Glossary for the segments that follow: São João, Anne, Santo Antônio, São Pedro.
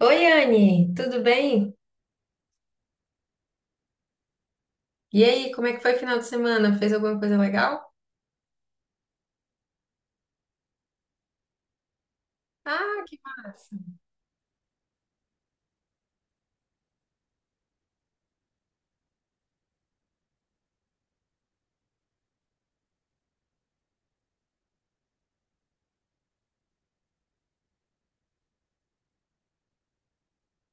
Oi, Anne, tudo bem? E aí, como é que foi o final de semana? Fez alguma coisa legal? Ah, que massa!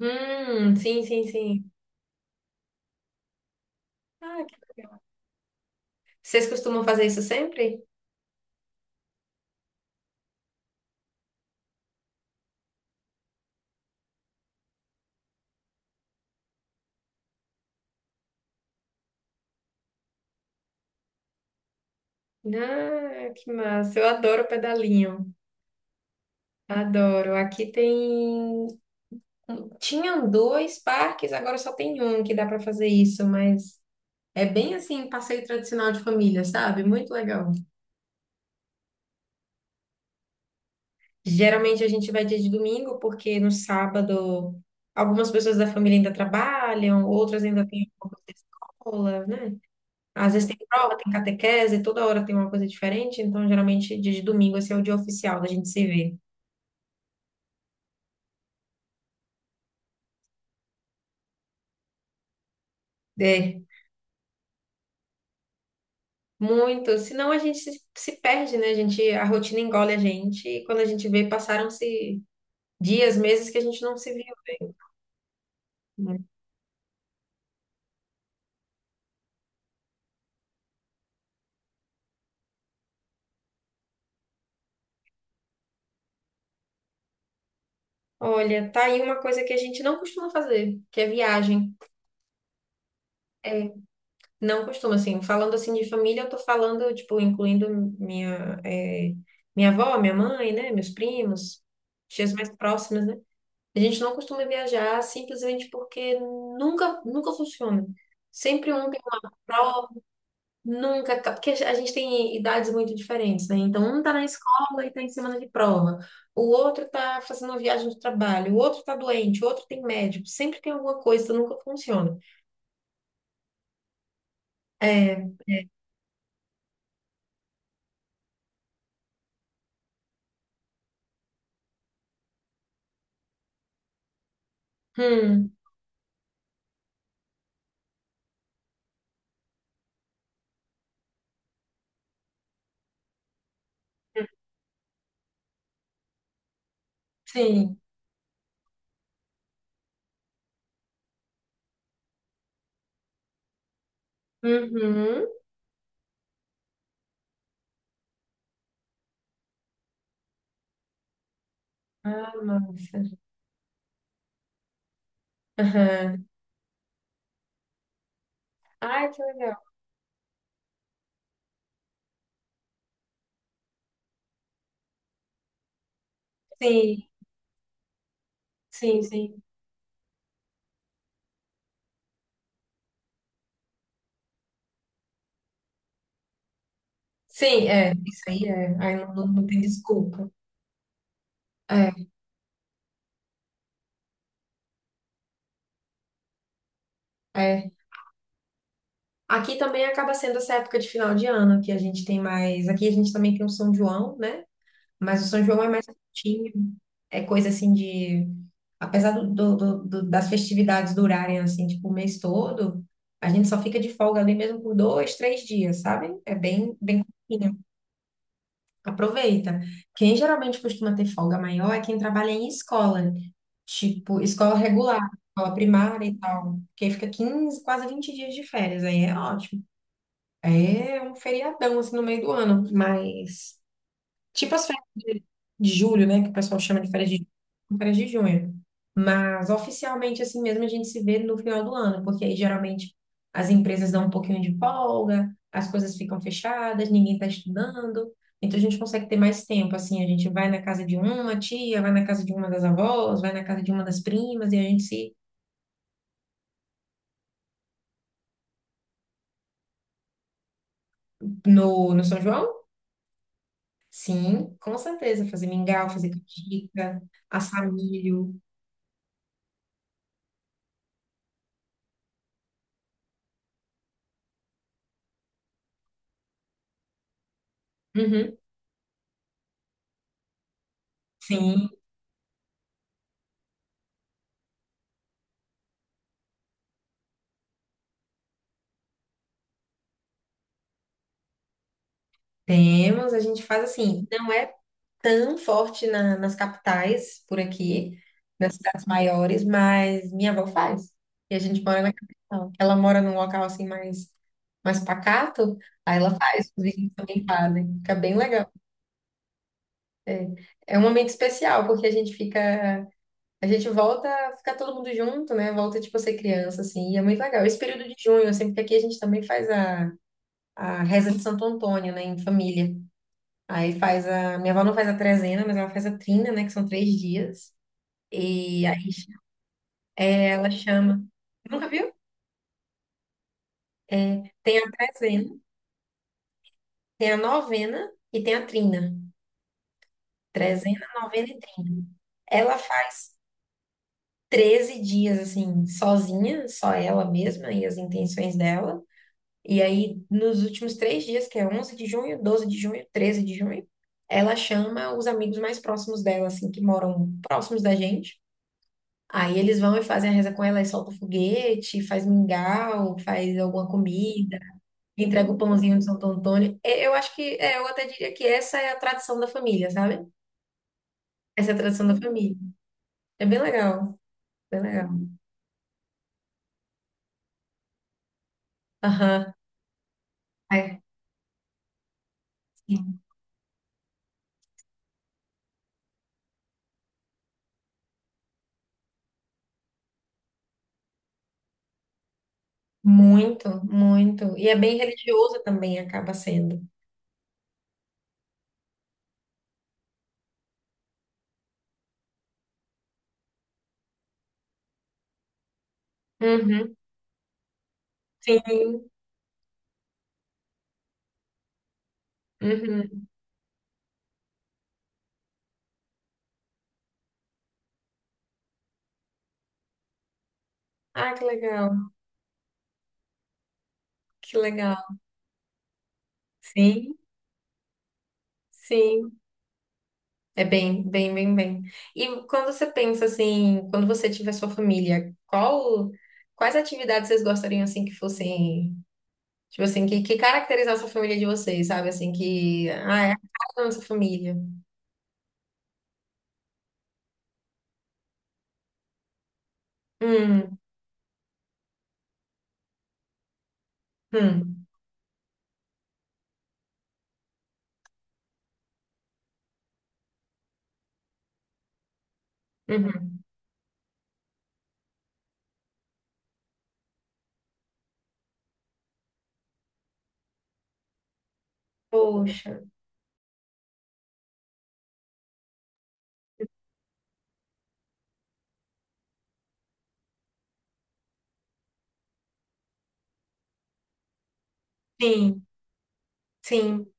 Sim, sim, sim. Ah, que legal. Vocês costumam fazer isso sempre? Ah, que massa! Eu adoro pedalinho, adoro. Aqui tem. Tinham dois parques, agora só tem um que dá para fazer isso, mas é bem assim, passeio tradicional de família, sabe? Muito legal. Geralmente a gente vai dia de domingo, porque no sábado algumas pessoas da família ainda trabalham, outras ainda têm alguma coisa da escola, né? Às vezes tem prova, tem catequese, toda hora tem uma coisa diferente, então geralmente dia de domingo esse é o dia oficial da gente se ver. É, muito. Senão a gente se perde, né? A rotina engole a gente e quando a gente vê, passaram-se dias, meses que a gente não se viu, né? Olha, tá aí uma coisa que a gente não costuma fazer, que é viagem. É, não costumo, assim, falando assim de família, eu tô falando, tipo, incluindo minha, eh, minha avó, minha mãe, né, meus primos, tias mais próximas, né? A gente não costuma viajar simplesmente porque nunca, nunca funciona. Sempre um tem uma prova, nunca, ca- porque a gente tem idades muito diferentes, né? Então, um tá na escola e tá em semana de prova, o outro tá fazendo uma viagem de trabalho, o outro tá doente, o outro tem médico, sempre tem alguma coisa, nunca funciona. É, hum, hum, sim. Uhum. Ah, nossa. Aham. Ai, que legal. Sim, sim, sim. Sim, é, isso aí é. Aí não, não tem desculpa. É, é. Aqui também acaba sendo essa época de final de ano que a gente tem mais. Aqui a gente também tem o São João, né? Mas o São João é mais curtinho. É coisa assim de. Apesar das festividades durarem assim, tipo, o mês todo, a gente só fica de folga ali mesmo por 2, 3 dias, sabe? É bem, bem curtinho. Aproveita. Quem geralmente costuma ter folga maior é quem trabalha em escola, tipo escola regular, escola primária e tal. Quem fica 15 quase 20 dias de férias, aí é ótimo. É um feriadão assim no meio do ano, mas tipo as férias de julho, né? Que o pessoal chama de férias de junho. Mas oficialmente, assim mesmo, a gente se vê no final do ano, porque aí geralmente as empresas dão um pouquinho de folga, as coisas ficam fechadas, ninguém está estudando. Então a gente consegue ter mais tempo, assim, a gente vai na casa de uma tia, vai na casa de uma das avós, vai na casa de uma das primas, e a gente se. No São João? Sim, com certeza. Fazer mingau, fazer canjica, assar milho. Uhum. Sim. Temos, a gente faz assim, não é tão forte nas capitais por aqui, nas cidades maiores, mas minha avó faz. E a gente mora na capital. Ela mora num local assim mais, pacato, aí ela faz, os vizinhos também fazem. Fica bem legal. É, é um momento especial, porque a gente fica, a gente volta, fica todo mundo junto, né? Volta tipo a ser criança, assim, e é muito legal. Esse período de junho, sempre que aqui a gente também faz a reza de Santo Antônio, né, em família. Aí faz a. Minha avó não faz a trezena, mas ela faz a trina, né? Que são 3 dias. E aí é, ela chama. Nunca viu? É, tem a trezena, tem a novena e tem a trina. Trezena, novena e trina. Ela faz 13 dias, assim, sozinha, só ela mesma e as intenções dela. E aí, nos últimos 3 dias, que é 11 de junho, 12 de junho, 13 de junho, ela chama os amigos mais próximos dela, assim, que moram próximos da gente. Aí eles vão e fazem a reza com ela e solta foguete, faz mingau, faz alguma comida, entrega o pãozinho de Santo Antônio. É, eu acho que, é, eu até diria que essa é a tradição da família, sabe? Essa é a tradição da família. É bem legal, bem legal. Aham. É, sim. Muito, muito. E é bem religioso também, acaba sendo. Uhum, sim. Uhum. Ah, que legal, que legal. Sim, sim. É bem, bem, bem, bem. E quando você pensa assim, quando você tiver sua família, quais atividades vocês gostariam assim que fossem, tipo assim, que caracterizasse a família de vocês, sabe? Assim, que, ah, é a cara da nossa família. Hum, hum, uhum. Poxa, sim, sim.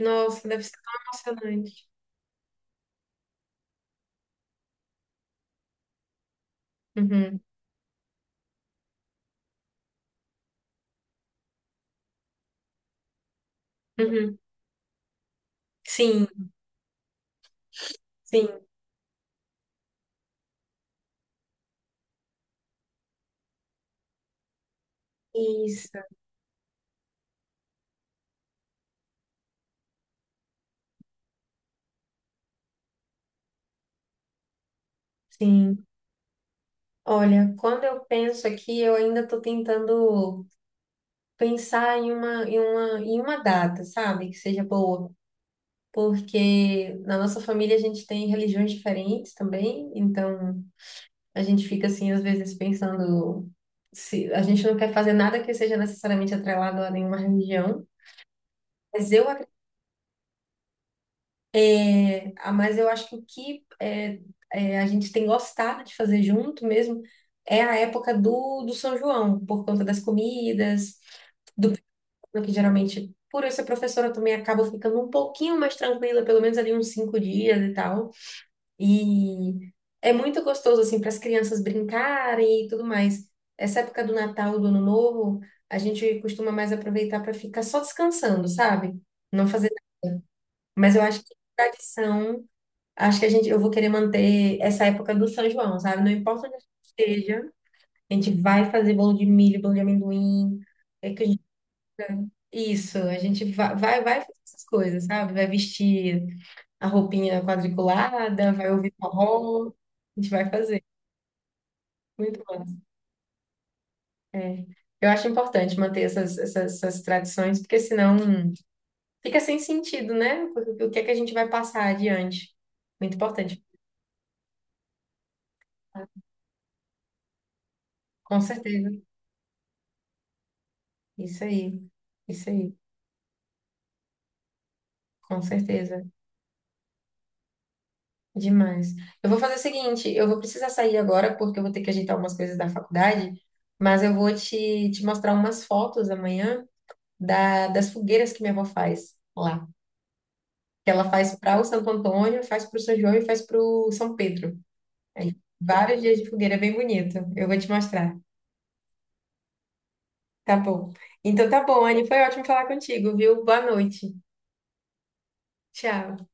Nossa, deve ser tão emocionante. Uhum, uhum. Sim, sim. Isso, sim. Olha, quando eu penso aqui, eu ainda tô tentando pensar em uma data, sabe? Que seja boa. Porque na nossa família a gente tem religiões diferentes também, então a gente fica assim, às vezes, pensando se a gente não quer fazer nada que seja necessariamente atrelado a nenhuma religião. Mas eu, ac- É, ah, mas eu acho que o que é, é, a gente tem gostado de fazer junto mesmo é a época do São João, por conta das comidas que geralmente, por eu ser professora, eu também acabo ficando um pouquinho mais tranquila, pelo menos ali uns 5 dias e tal. E é muito gostoso, assim, para as crianças brincarem e tudo mais. Essa época do Natal, do Ano Novo, a gente costuma mais aproveitar para ficar só descansando, sabe? Não fazer nada. Mas eu acho que tradição, acho que a gente, eu vou querer manter essa época do São João, sabe? Não importa onde a gente esteja, a gente vai fazer bolo de milho, bolo de amendoim. É que isso, a gente vai fazer essas coisas, sabe? Vai vestir a roupinha quadriculada, vai ouvir forró, a gente vai fazer. Muito bom. É. Eu acho importante manter essas tradições, porque senão fica sem sentido, né? O que é que a gente vai passar adiante? Muito importante. Com certeza. Isso aí. Isso aí. Com certeza. Demais. Eu vou fazer o seguinte, eu vou precisar sair agora porque eu vou ter que ajeitar umas coisas da faculdade, mas eu vou te mostrar umas fotos amanhã das fogueiras que minha avó faz lá. Que ela faz para o Santo Antônio, faz para o São João e faz para o São Pedro. Aí, vários dias de fogueira, é bem bonito. Eu vou te mostrar. Tá bom. Então tá bom, Anne, foi ótimo falar contigo, viu? Boa noite. Tchau.